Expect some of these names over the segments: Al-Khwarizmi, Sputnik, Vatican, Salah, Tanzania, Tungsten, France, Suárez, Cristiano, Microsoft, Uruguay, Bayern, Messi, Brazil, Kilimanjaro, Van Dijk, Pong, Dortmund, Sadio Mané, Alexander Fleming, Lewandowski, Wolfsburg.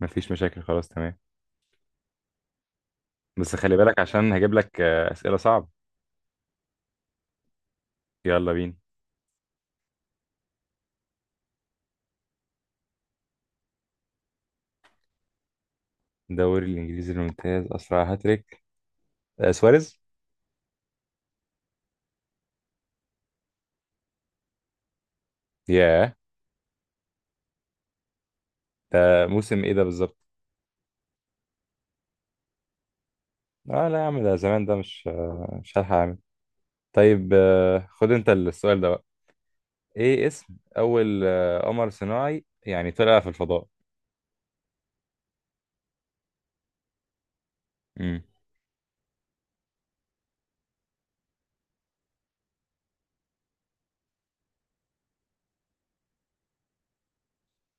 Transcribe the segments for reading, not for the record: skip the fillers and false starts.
مفيش مشاكل، خلاص تمام. بس خلي بالك عشان هجيب لك أسئلة صعبة. يلا بينا. الدوري الإنجليزي الممتاز، أسرع هاتريك سواريز. ياه، ده موسم إيه ده بالظبط؟ اه لا يا عم، ده زمان، ده مش هلحق أعمل. طيب، خد أنت السؤال ده بقى. إيه اسم أول قمر صناعي يعني طلع في الفضاء؟ مم.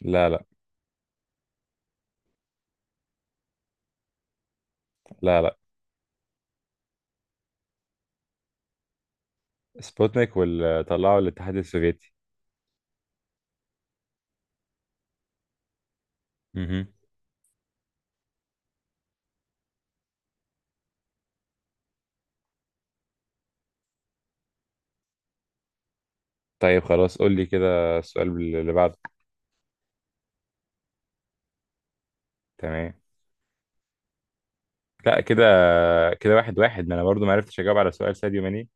لا لا لا لا. سبوتنيك، واللي طلعه الاتحاد السوفيتي. مهم. طيب خلاص، قول لي كده السؤال اللي بعده. تمام. لا كده كده، 1-1، ما انا برضو ما عرفتش اجاوب على سؤال ساديو ماني.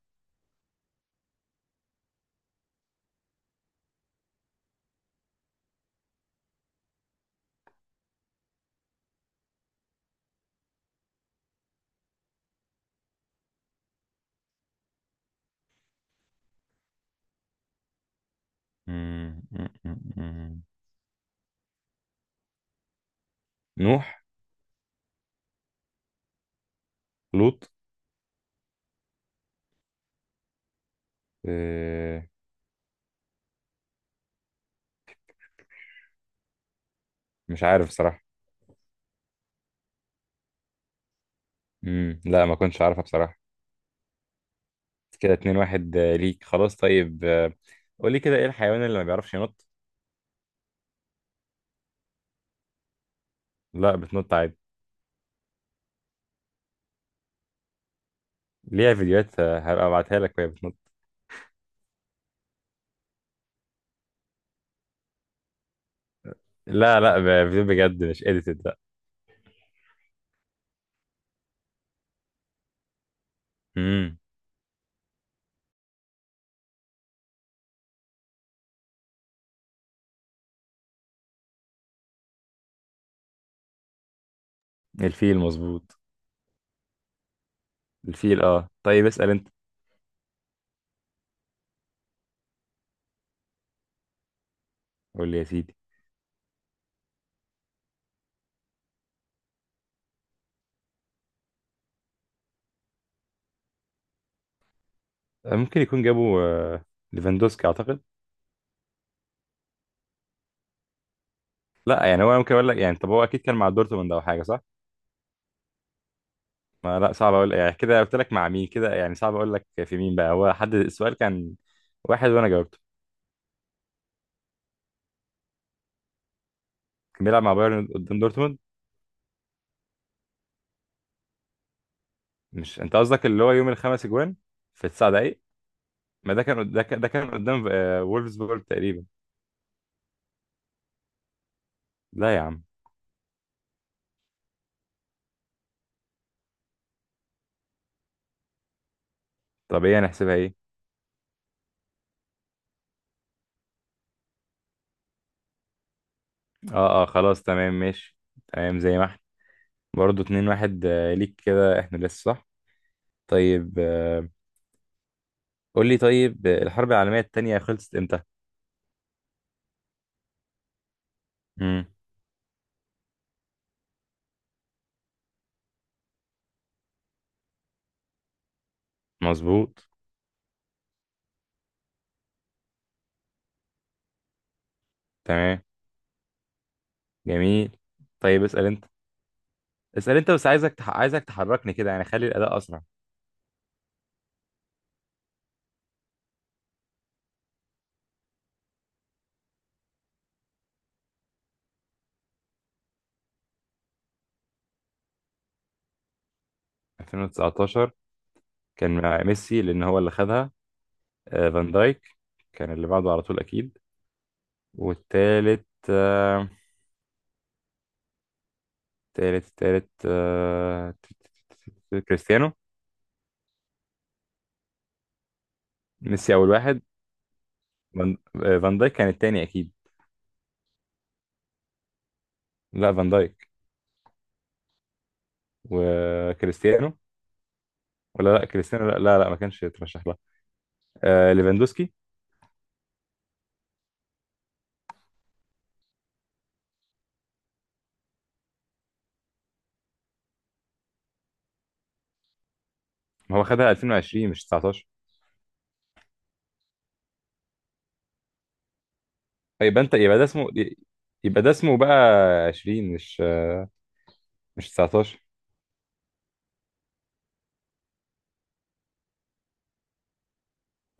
مم، مم، مم، مم. نوح. لوط. آه، مش عارف بصراحة. لا، ما كنتش عارفها بصراحة. كده 2-1 ليك. خلاص طيب، قولي كده، ايه الحيوان اللي ما بيعرفش ينط؟ لا، بتنط عادي. ليها فيديوهات، هبقى ابعتها لك وهي بتنط. لا لا، فيديو بجد، مش اديتد. لا. امم. الفيل مظبوط. الفيل، اه، طيب اسأل انت. قول لي يا سيدي. ممكن يكون جابوا ليفاندوسكي اعتقد. لا، يعني هو ممكن اقول لك، يعني طب هو اكيد كان مع دورتموند او حاجه، صح؟ ما لا، صعب اقول، يعني كده قلت لك مع مين كده، يعني صعب اقول لك في مين بقى. هو حد السؤال كان واحد وانا جاوبته. كان بيلعب مع بايرن قدام دورتموند. مش انت قصدك اللي هو يوم الخمس اجوان في 9 دقايق؟ ما ده كان قدام وولفسبورج تقريبا. لا يا عم. طب ايه هنحسبها ايه؟ اه اه، خلاص تمام ماشي. تمام، زي ما احنا برضه 2-1 ليك كده، احنا لسه، صح؟ طيب، قول لي. طيب، الحرب العالميه الثانيه خلصت امتى؟ امم. مظبوط. تمام. جميل. طيب اسأل انت. اسأل انت بس، عايزك عايزك تحركني كده، يعني خلي الأداء أسرع. 2019. كان مع ميسي لأن هو اللي خدها. فان دايك كان اللي بعده على طول أكيد. والتالت، تالت تالت، كريستيانو. ميسي أول واحد. فان دايك كان التاني أكيد. لا، فان دايك. وكريستيانو. ولا لا، كريستيانو، لا لا، لا، ما كانش يترشح لها. ليفاندوسكي. هو خدها 2020 مش 19. يبقى انت، يبقى ده اسمه، بقى 20 مش 19.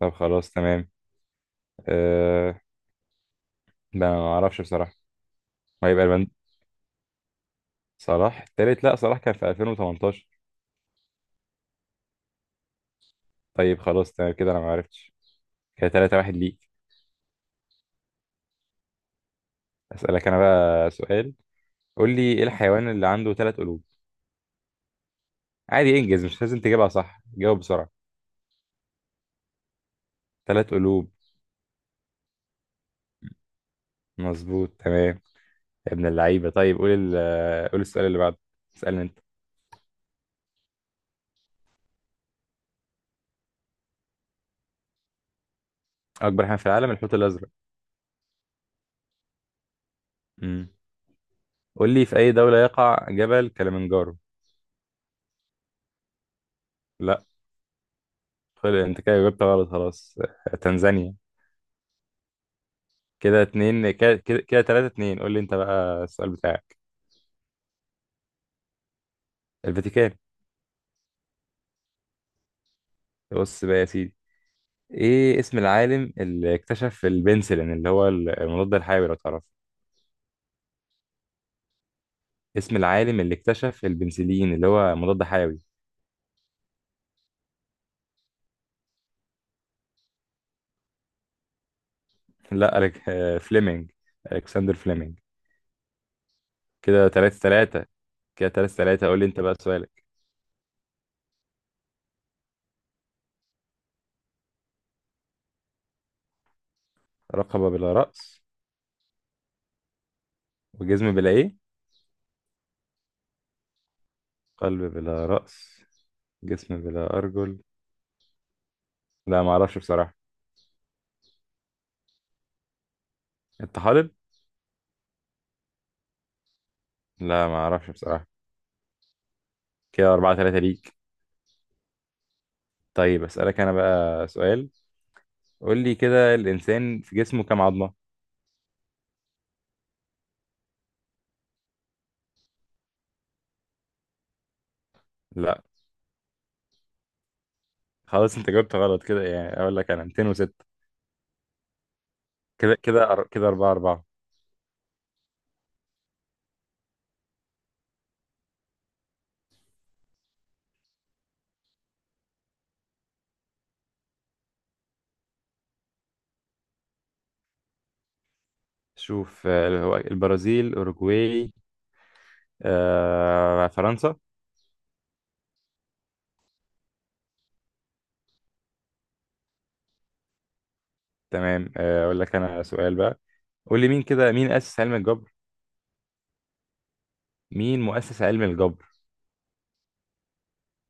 طب خلاص تمام. أه... ده أنا ما اعرفش بصراحة. ما يبقى البند، صلاح التالت، لا، صلاح كان في 2018. طيب خلاص تمام، كده انا ما عرفتش. كده 3 واحد ليك. اسألك انا بقى سؤال. قول لي، ايه الحيوان اللي عنده 3 قلوب؟ عادي انجز، مش لازم تجيبها صح، جاوب بسرعة. 3 قلوب. مظبوط تمام. يا ابن اللعيبة. طيب قول قول السؤال اللي بعده. اسألني انت. اكبر حيوان في العالم، الحوت الازرق. امم. قول لي، في أي دولة يقع جبل كليمنجارو؟ لا. خلي أنت كده، جبت غلط خلاص. تنزانيا. كده اتنين كده، 3-2. قول لي أنت بقى السؤال بتاعك. الفاتيكان. بص بقى يا سيدي، إيه اسم العالم اللي اكتشف البنسلين اللي هو المضاد الحيوي، لو تعرف؟ اسم العالم اللي اكتشف البنسلين اللي هو مضاد حيوي. لا، ألك... آه، فليمنج. ألكسندر فليمنج. كده تلاتة تلاتة. كده 3-3، قول لي أنت بقى سؤالك. رقبة بلا رأس. وجزم بلا إيه؟ قلب بلا رأس، جسم بلا أرجل. لا، ما أعرفش بصراحة. أنت حاضر؟ لا، ما أعرفش بصراحة. كده 4-3 ليك. طيب أسألك أنا بقى سؤال. قول لي كده، الإنسان في جسمه كام عظمة؟ لا. خلاص، أنت جاوبت غلط كده، يعني أقول لك أنا 206. كده 4-4. شوف، هو البرازيل، أوروجواي، فرنسا. تمام، أقول لك أنا سؤال بقى. قول لي، مين أسس علم الجبر؟ مين مؤسس علم الجبر؟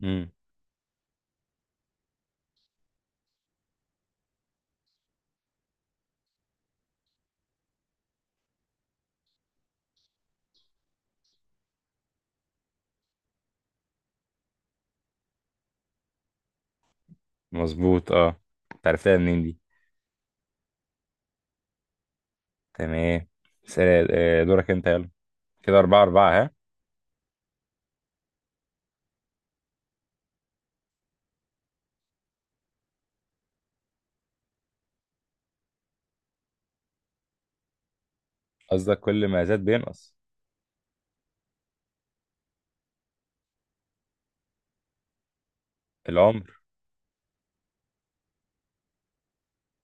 امم. مظبوط، أه. أنت عرفتها منين دي؟ تمام. دورك انت، يلا. كده 4-4، ها. قصدك كل ما زاد بينقص؟ العمر.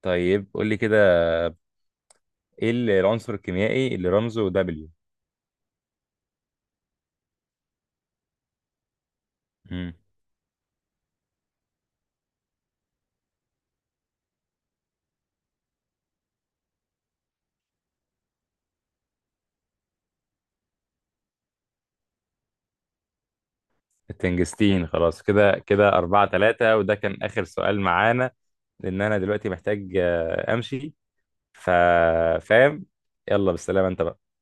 طيب قول لي كده، ايه العنصر الكيميائي اللي رمزه دبليو؟ امم. التنجستين. خلاص، كده 4-3، وده كان آخر سؤال معانا، لأن أنا دلوقتي محتاج أمشي. فاهم. يلا بالسلامة أنت بقى.